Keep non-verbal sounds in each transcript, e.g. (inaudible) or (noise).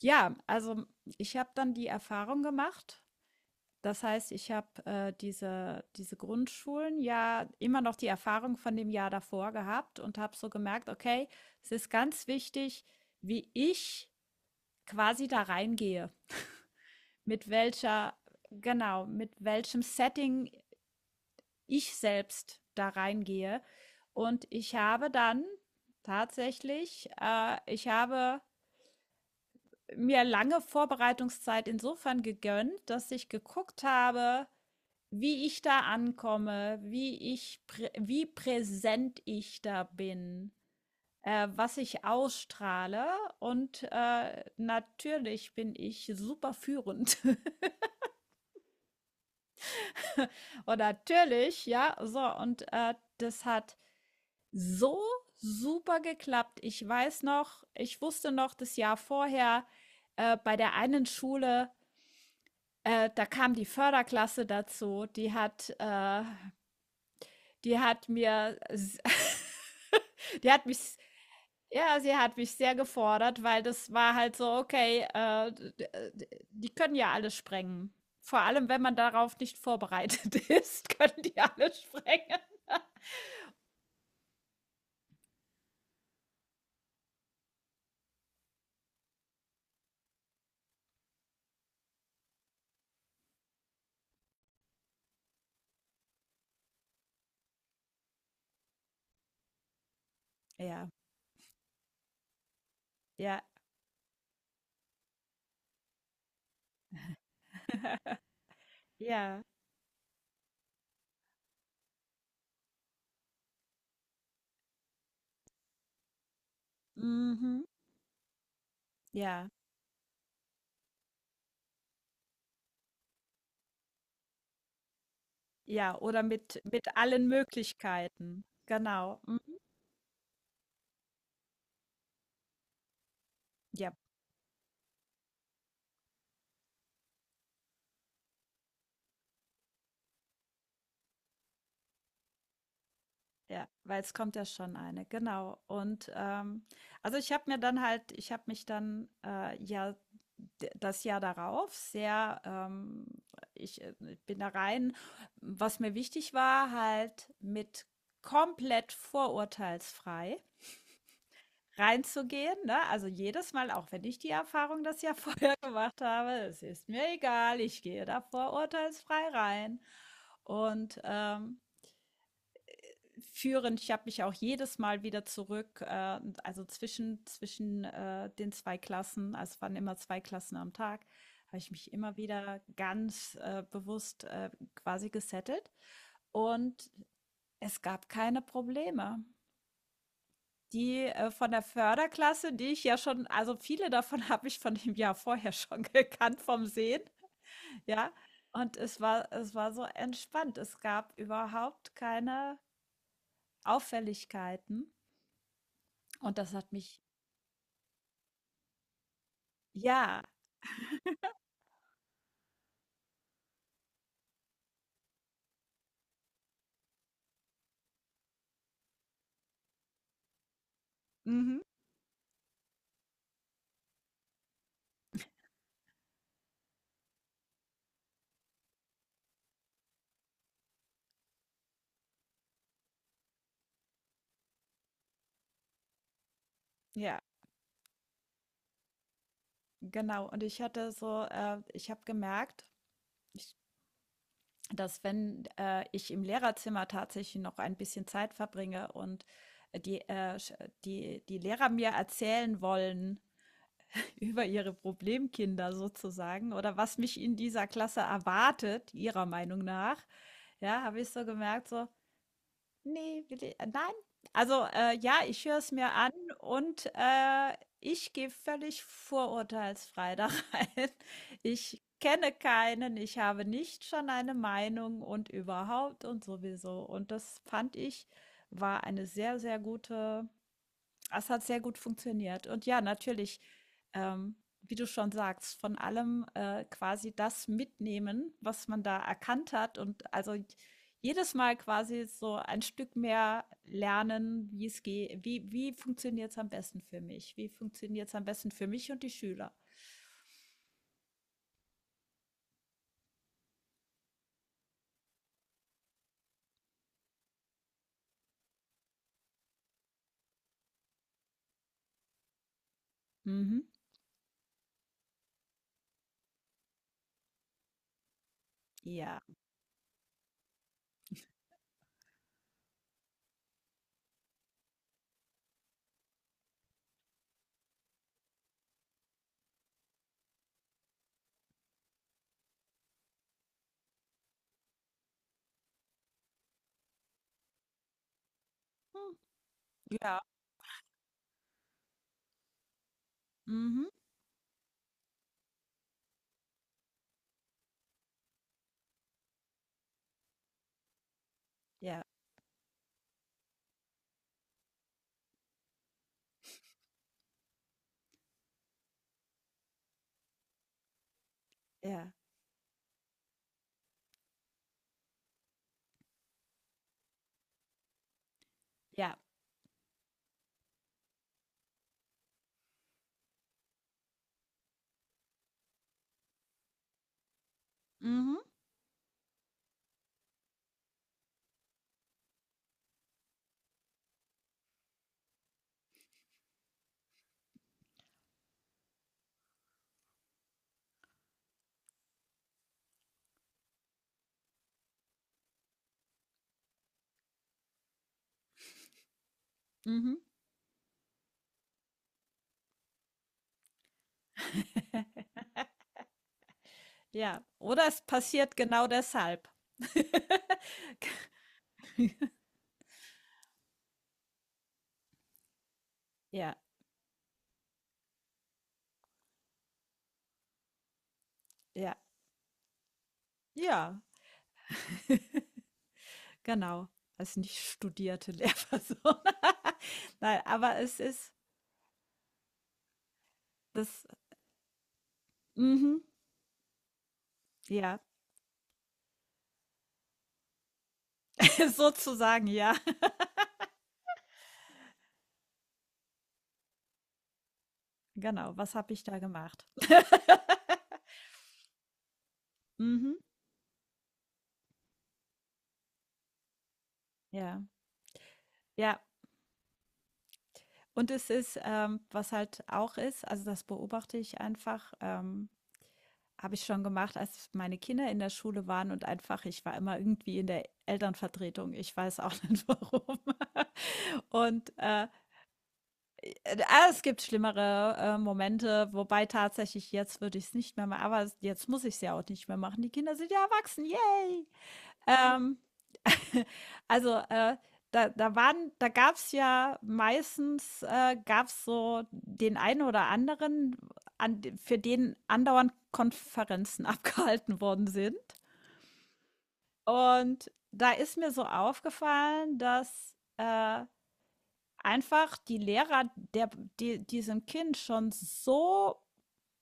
Ja, also ich habe dann die Erfahrung gemacht. Das heißt, ich habe diese Grundschulen ja immer noch die Erfahrung von dem Jahr davor gehabt und habe so gemerkt, okay, es ist ganz wichtig, wie ich quasi da reingehe, mit genau, mit welchem Setting ich selbst da reingehe. Und ich habe dann tatsächlich, ich habe mir lange Vorbereitungszeit insofern gegönnt, dass ich geguckt habe, wie ich da ankomme, wie ich, prä wie präsent ich da bin, was ich ausstrahle und natürlich bin ich super führend (laughs) und natürlich, ja, so und das hat so super geklappt. Ich weiß noch, ich wusste noch das Jahr vorher bei der einen Schule, da kam die Förderklasse dazu, die hat mir (laughs) die hat mich ja, sie hat mich sehr gefordert, weil das war halt so: „Okay, d die können ja alles sprengen.“ Vor allem, wenn man darauf nicht vorbereitet (laughs) ist, können die alles sprengen. Ja, ja, ja. Mhm. Ja, ja, oder mit allen Möglichkeiten. Genau. Mhm. Ja. Ja, weil es kommt ja schon eine, genau. Und also ich habe mir dann halt, ich habe mich dann ja, das Jahr darauf sehr, ich bin da rein, was mir wichtig war, halt mit komplett vorurteilsfrei reinzugehen, ne? Also jedes Mal, auch wenn ich die Erfahrung das Jahr (laughs) vorher gemacht habe, es ist mir egal, ich gehe da vorurteilsfrei rein. Und führend. Ich habe mich auch jedes Mal wieder zurück, also zwischen den zwei Klassen, also es waren immer zwei Klassen am Tag, habe ich mich immer wieder ganz bewusst quasi gesettelt. Und es gab keine Probleme. Die von der Förderklasse, die ich ja schon, also viele davon (laughs) habe ich von dem Jahr vorher schon (laughs) gekannt vom Sehen, ja. Und es war so entspannt. Es gab überhaupt keine Auffälligkeiten. Und das hat mich ja, mhm, ja, genau. Und ich hatte so, ich habe gemerkt, ich dass wenn, ich im Lehrerzimmer tatsächlich noch ein bisschen Zeit verbringe und äh, die, äh, sch die Lehrer mir erzählen wollen (laughs) über ihre Problemkinder sozusagen oder was mich in dieser Klasse erwartet, ihrer Meinung nach, ja, habe ich so gemerkt, so ne, will i nein. Also, ja, ich höre es mir an und, ich gehe völlig vorurteilsfrei da rein. (laughs) Ich kenne keinen, ich habe nicht schon eine Meinung und überhaupt und sowieso. Und das fand ich, war eine sehr, sehr gute es hat sehr gut funktioniert. Und ja, natürlich, ähm, wie du schon sagst, von allem quasi das mitnehmen, was man da erkannt hat. Und also jedes Mal quasi so ein Stück mehr lernen, wie es geht, wie funktioniert es am besten für mich? Wie funktioniert es am besten für mich und die Schüler? Mhm. Ja. Hm. Ja. Mhm. Ja. Ja. Ja. Mhm. Mhm. Ja. Oder es passiert genau deshalb. (laughs) Ja. Ja. Ja. Genau, als nicht studierte Lehrperson. (laughs) Nein, aber es ist das mhm, ja, (laughs) sozusagen, ja. Genau, was habe ich da gemacht? (laughs) Mhm, ja, ja. Und es ist, was halt auch ist, also das beobachte ich einfach, habe ich schon gemacht, als meine Kinder in der Schule waren und einfach, ich war immer irgendwie in der Elternvertretung. Ich weiß auch (laughs) nicht warum. Und es gibt schlimmere, Momente, wobei tatsächlich jetzt würde ich es nicht mehr machen. Aber s jetzt muss ich es ja auch nicht mehr machen. Die Kinder sind ja erwachsen, yay. Ähm, (laughs) also, da waren da gab's ja meistens, gab's so den einen oder anderen, an für den andauernd Konferenzen (laughs) abgehalten worden sind. Und da ist mir so aufgefallen, dass, einfach die Lehrer, der, die diesem Kind schon so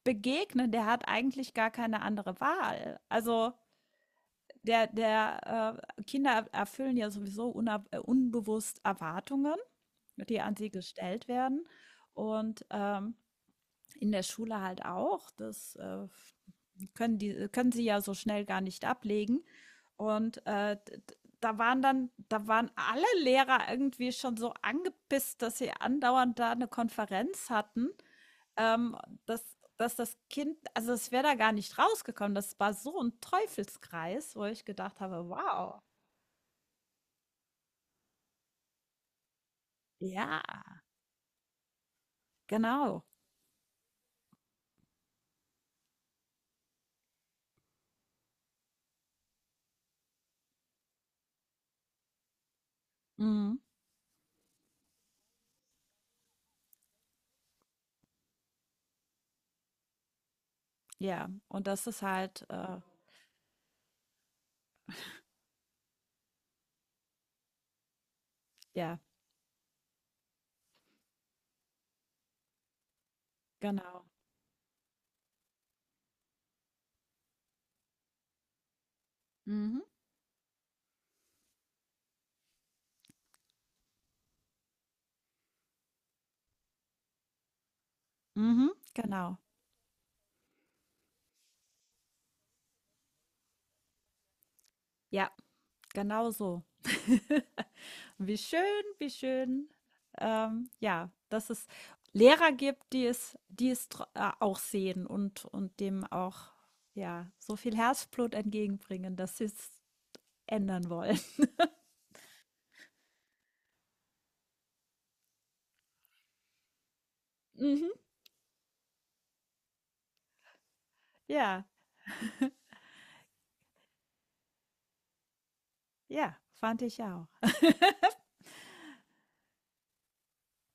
begegnen, der hat eigentlich gar keine andere Wahl. Also der, der Kinder erfüllen ja sowieso unbewusst Erwartungen, die an sie gestellt werden. Und in der Schule halt auch. Das, können sie ja so schnell gar nicht ablegen. Und da waren dann, da waren alle Lehrer irgendwie schon so angepisst, dass sie andauernd da eine Konferenz hatten, ähm, dass, dass das Kind, also es wäre da gar nicht rausgekommen. Das war so ein Teufelskreis, wo ich gedacht habe, wow, ja, genau. Mhm. Ja, und das ist halt, ja, genau. Mhm. Mhm. Genau. Ja, genau so. Wie schön, wie schön. Ja, dass es Lehrer gibt, die es auch sehen und dem auch ja, so viel Herzblut entgegenbringen, dass sie es ändern wollen. (laughs) Mhm. Ja, ja, fand ich auch.